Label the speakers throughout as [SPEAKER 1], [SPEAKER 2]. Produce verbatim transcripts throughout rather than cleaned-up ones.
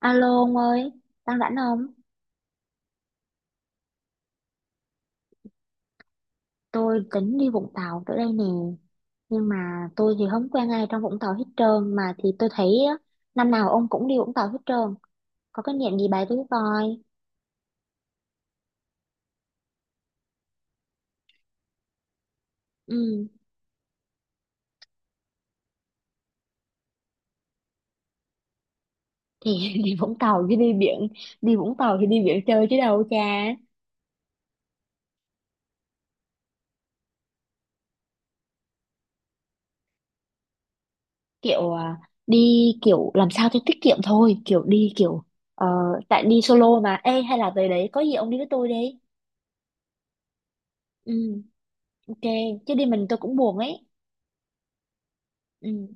[SPEAKER 1] Alo ông ơi, đang rảnh không? Tôi tính đi Vũng Tàu tới đây nè, nhưng mà tôi thì không quen ai trong Vũng Tàu hết trơn, mà thì tôi thấy á, năm nào ông cũng đi Vũng Tàu hết trơn, có cái niệm gì bày tôi coi. Ừ, thì đi Vũng Tàu chứ đi biển, đi Vũng Tàu thì đi biển chơi chứ đâu cha. Kiểu à, đi kiểu làm sao cho tiết kiệm thôi, kiểu đi kiểu ờ, tại đi solo mà. Ê hay là về đấy có gì ông đi với tôi đi. Ừ, ok, chứ đi mình tôi cũng buồn ấy. Ừ.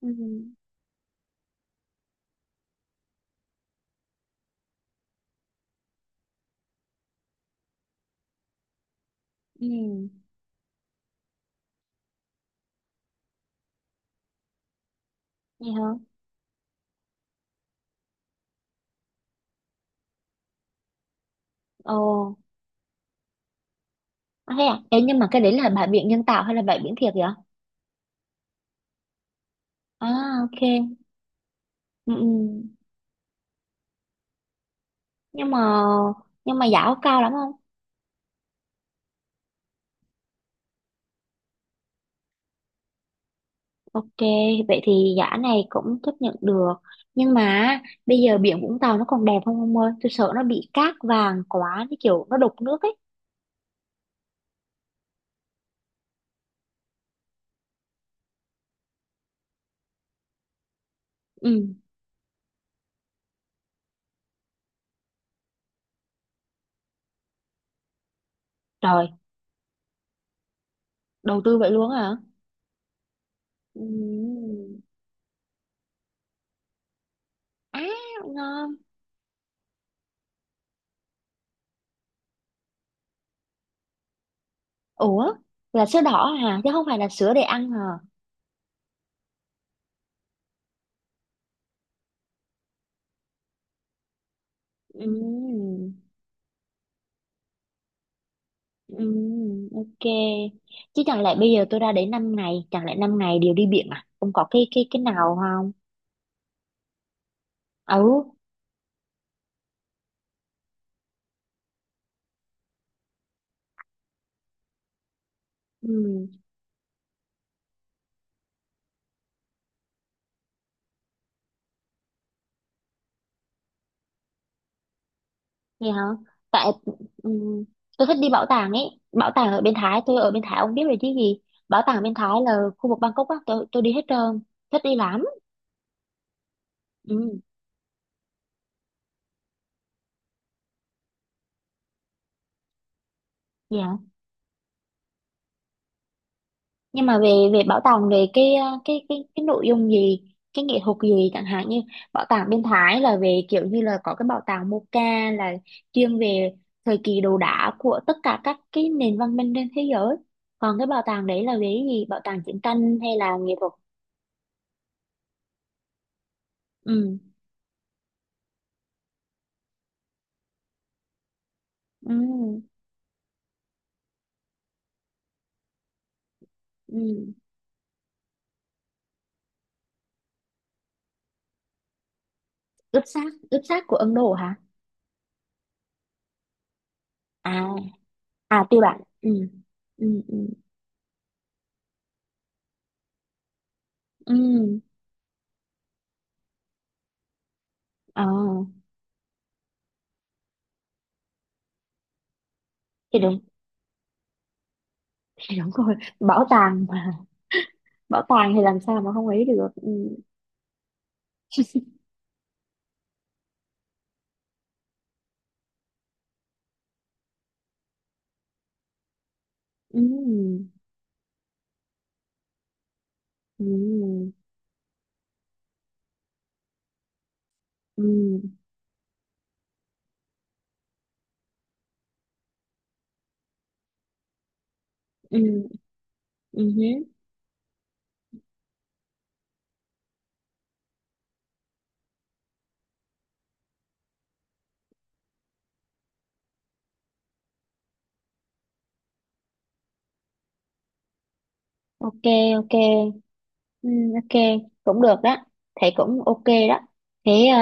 [SPEAKER 1] Ừ. Ừ. Nghe hả? Ồ, à, thế à? Ê, nhưng mà cái đấy là bãi biển nhân tạo hay là bãi biển thiệt vậy? À, ok. Ừ, ừ. Nhưng mà nhưng mà giá có cao lắm không? Ok, vậy thì giá này cũng chấp nhận được. Nhưng mà bây giờ biển Vũng Tàu nó còn đẹp không ông ơi? Tôi sợ nó bị cát vàng quá, cái kiểu nó đục nước ấy. Ừ, trời, đầu tư vậy luôn hả? Ừ. À, ngon. Ủa, là sữa đỏ hả? Chứ không phải là sữa để ăn hả? Ừ. Ừ, ok. Chứ chẳng lẽ bây giờ tôi ra đấy năm ngày, chẳng lẽ năm ngày đều đi biển à? Không có cái cái cái nào không? Ừ. Ừ, vậy hả? Tại ừ, tôi thích đi bảo tàng ấy. Bảo tàng ở bên Thái, tôi ở bên Thái ông biết rồi chứ gì. Bảo tàng bên Thái là khu vực Bangkok á, tôi tôi đi hết trơn. Thích đi lắm. Ừ, vậy hả? Nhưng mà về về bảo tàng, về cái ờ, cái cái cái nội dung gì, cái nghệ thuật gì chẳng hạn. Như bảo tàng bên Thái là về kiểu như là có cái bảo tàng Moca là chuyên về thời kỳ đồ đá của tất cả các cái nền văn minh trên thế giới. Còn cái bảo tàng đấy là về cái gì, bảo tàng chiến tranh hay là nghệ thuật? Ừ, ừ, ừ, ướp xác, ướp xác của Ấn Độ hả? À, à, tiêu bản. Ừ, ừ, ừ, ừ, ờ thì đúng thì đúng rồi, bảo tàng mà bảo tàng thì làm sao mà không ý được, ừ. Ừ. Ừ. Ừ. Ừ. Ừ. Hứ. Ok, ok, ừ. Ok, cũng được đó, thầy cũng ok đó. thế ờ,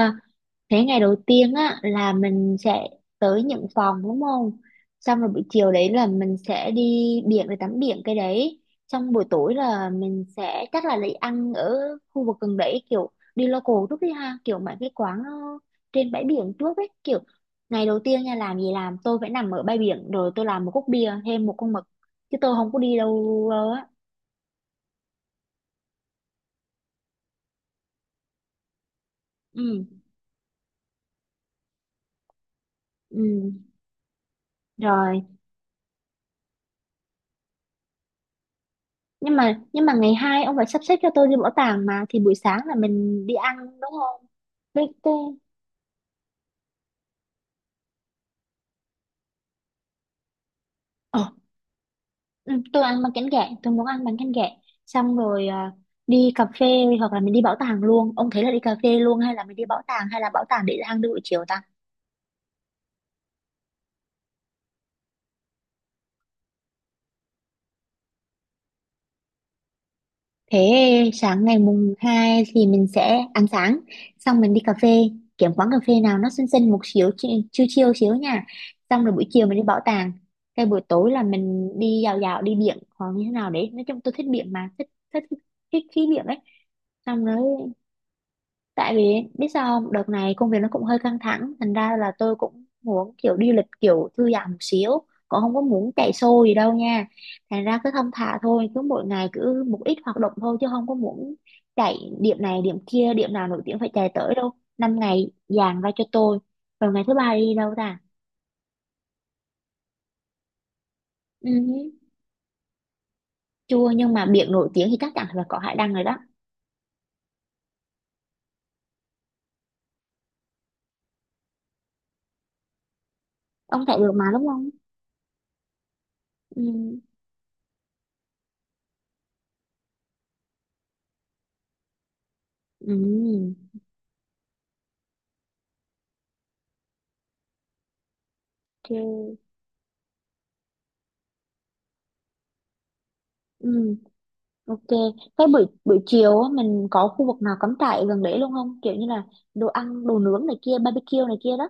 [SPEAKER 1] Thế ngày đầu tiên á là mình sẽ tới nhận phòng đúng không? Xong rồi buổi chiều đấy là mình sẽ đi biển để tắm biển cái đấy. Xong buổi tối là mình sẽ chắc là lấy ăn ở khu vực gần đấy, kiểu đi local trước đi ha, kiểu mấy cái quán nó trên bãi biển trước ấy. Kiểu ngày đầu tiên nha, làm gì làm tôi phải nằm ở bãi biển rồi tôi làm một cốc bia thêm một con mực, chứ tôi không có đi đâu đâu á. Ừ, ừ. Rồi nhưng mà nhưng mà ngày hai ông phải sắp xếp cho tôi đi bảo tàng mà, thì buổi sáng là mình đi ăn đúng không? Với tôi ờ, ừ, tôi ăn bánh canh gẹ, tôi muốn ăn bánh canh gẹ. Xong rồi à, đi cà phê hoặc là mình đi bảo tàng luôn, ông thấy là đi cà phê luôn hay là mình đi bảo tàng, hay là bảo tàng để ăn đi buổi chiều ta? Thế sáng ngày mùng hai thì mình sẽ ăn sáng, xong mình đi cà phê, kiếm quán cà phê nào nó xinh xinh một xíu, chi- chill chill xíu nha. Xong rồi buổi chiều mình đi bảo tàng. Cái buổi tối là mình đi dạo dạo, đi biển hoặc như thế nào đấy. Nói chung tôi thích biển mà, thích thích thích khí biển ấy. Xong rồi tại vì biết sao không? Đợt này công việc nó cũng hơi căng thẳng, thành ra là tôi cũng muốn kiểu đi lịch kiểu thư giãn một xíu, cũng không có muốn chạy xô gì đâu nha. Thành ra cứ thong thả thôi, cứ mỗi ngày cứ một ít hoạt động thôi, chứ không có muốn chạy điểm này điểm kia, điểm nào nổi tiếng phải chạy tới đâu. Năm ngày dàn ra cho tôi, rồi ngày thứ ba đi đâu ta? Ừ, chưa, nhưng mà biển nổi tiếng thì chắc chắn là có hải đăng rồi đó. Ông chạy được mà đúng không? Ừ, ừ, chưa. Ok, cái buổi buổi chiều á, mình có khu vực nào cắm trại gần đấy luôn không? Kiểu như là đồ ăn, đồ nướng này kia, barbecue này kia đó.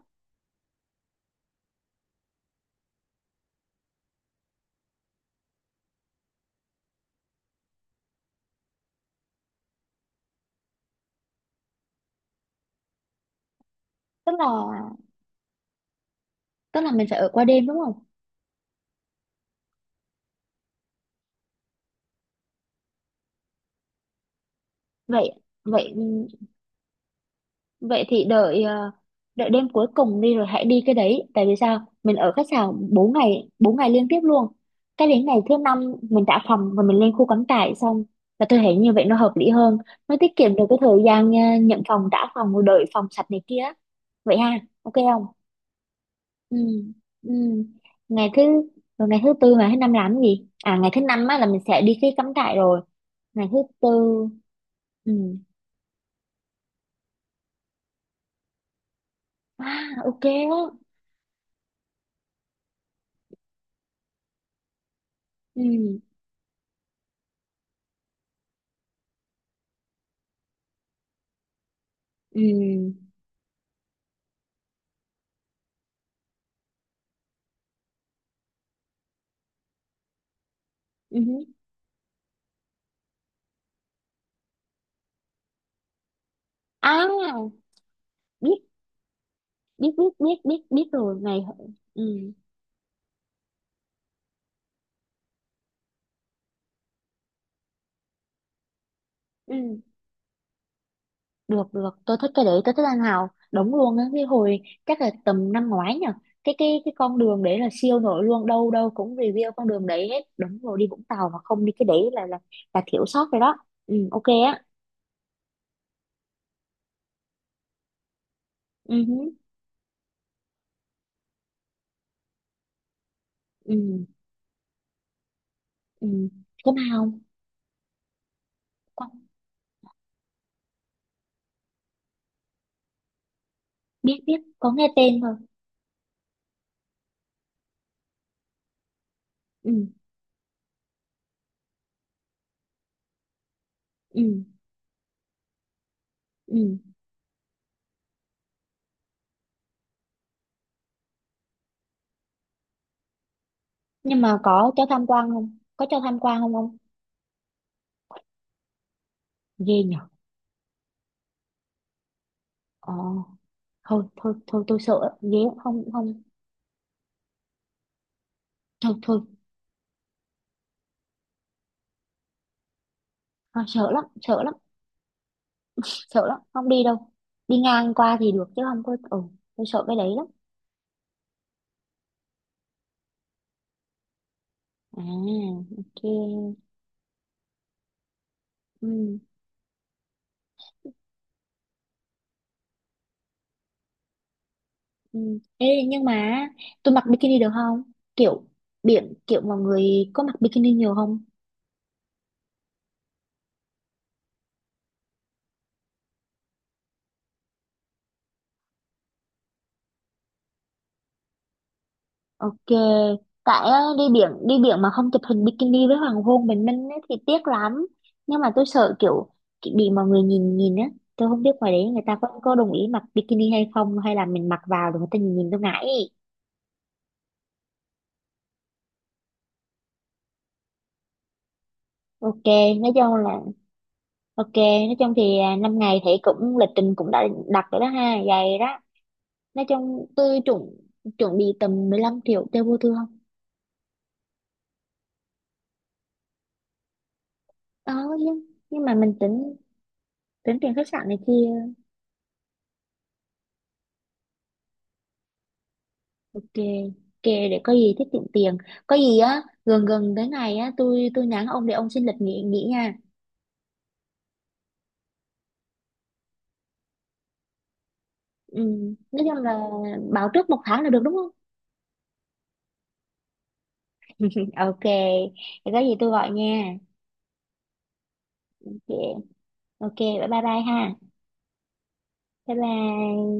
[SPEAKER 1] Tức là tức là mình phải ở qua đêm đúng không? Vậy vậy vậy thì đợi ờ, đợi đêm cuối cùng đi rồi hãy đi cái đấy. Tại vì sao? Mình ở khách sạn bốn ngày bốn ngày liên tiếp luôn. Cái đến ngày thứ năm mình trả phòng và mình lên khu cắm trại xong, là tôi thấy như vậy nó hợp lý hơn. Nó tiết kiệm được cái thời gian ờ, nhận phòng trả phòng rồi đợi phòng sạch này kia. Vậy ha, ok không? Ừ, ừ, ngày thứ rồi ngày thứ tư, ngày thứ năm làm cái gì? À, ngày thứ năm á là mình sẽ đi cái cắm trại, rồi ngày thứ tư. Ừ, à, ok á. Ừ, ừ, ừ, à, biết, biết, biết, biết, biết, biết rồi ngày. Ừ, ừ, được, được, tôi thích cái đấy, tôi thích anh Hào đúng luôn á. Cái hồi chắc là tầm năm ngoái nhỉ, cái cái cái con đường đấy là siêu nổi luôn, đâu đâu cũng review con đường đấy hết đúng rồi. Đi Vũng Tàu mà không đi cái đấy là là là thiếu sót rồi đó. Ừ, ok á. Ừ, hứ, ừ, ừ. Có mà không con, biết, biết có nghe tên thôi. Ừ, ừ, ừ. Nhưng mà có cho tham quan không, có cho tham quan không? Không. Ghê nhỉ. Ờ, thôi thôi thôi tôi sợ lắm. Ghê lắm. Không, không. Thôi thôi. À, sợ lắm, sợ lắm. Sợ lắm không đi đâu. Đi ngang qua thì được chứ không có, ừ. Tôi sợ cái đấy lắm. À, ok. Ừ, ừ. Ê, nhưng mà tôi mặc bikini được không, kiểu biển kiểu mọi người có mặc bikini nhiều không? Ok. Tại á, đi biển đi biển mà không chụp hình bikini với hoàng hôn bình minh ấy, thì tiếc lắm. Nhưng mà tôi sợ kiểu, kiểu bị mọi người nhìn nhìn á. Tôi không biết ngoài đấy người ta có có đồng ý mặc bikini hay không, hay là mình mặc vào rồi người ta nhìn nhìn tôi ngại. Ok, nói chung là ok, nói chung thì à, năm ngày thì cũng lịch trình cũng đã đặt rồi đó ha, dài đó. Nói chung tôi chuẩn chuẩn bị tầm mười lăm triệu cho vô thương. Ờ, nhưng, nhưng mà mình tính tính tiền khách sạn này kia, kề kề để có gì tiết kiệm tiền. Có gì á gần gần tới ngày á, tôi tôi nhắn ông để ông xin lịch nghỉ nghỉ nha. Ừ, nói chung là báo trước một tháng là được đúng không? Ok, thì có gì tôi gọi nha. Ok, ok, bye bye bye ha. Bye bye.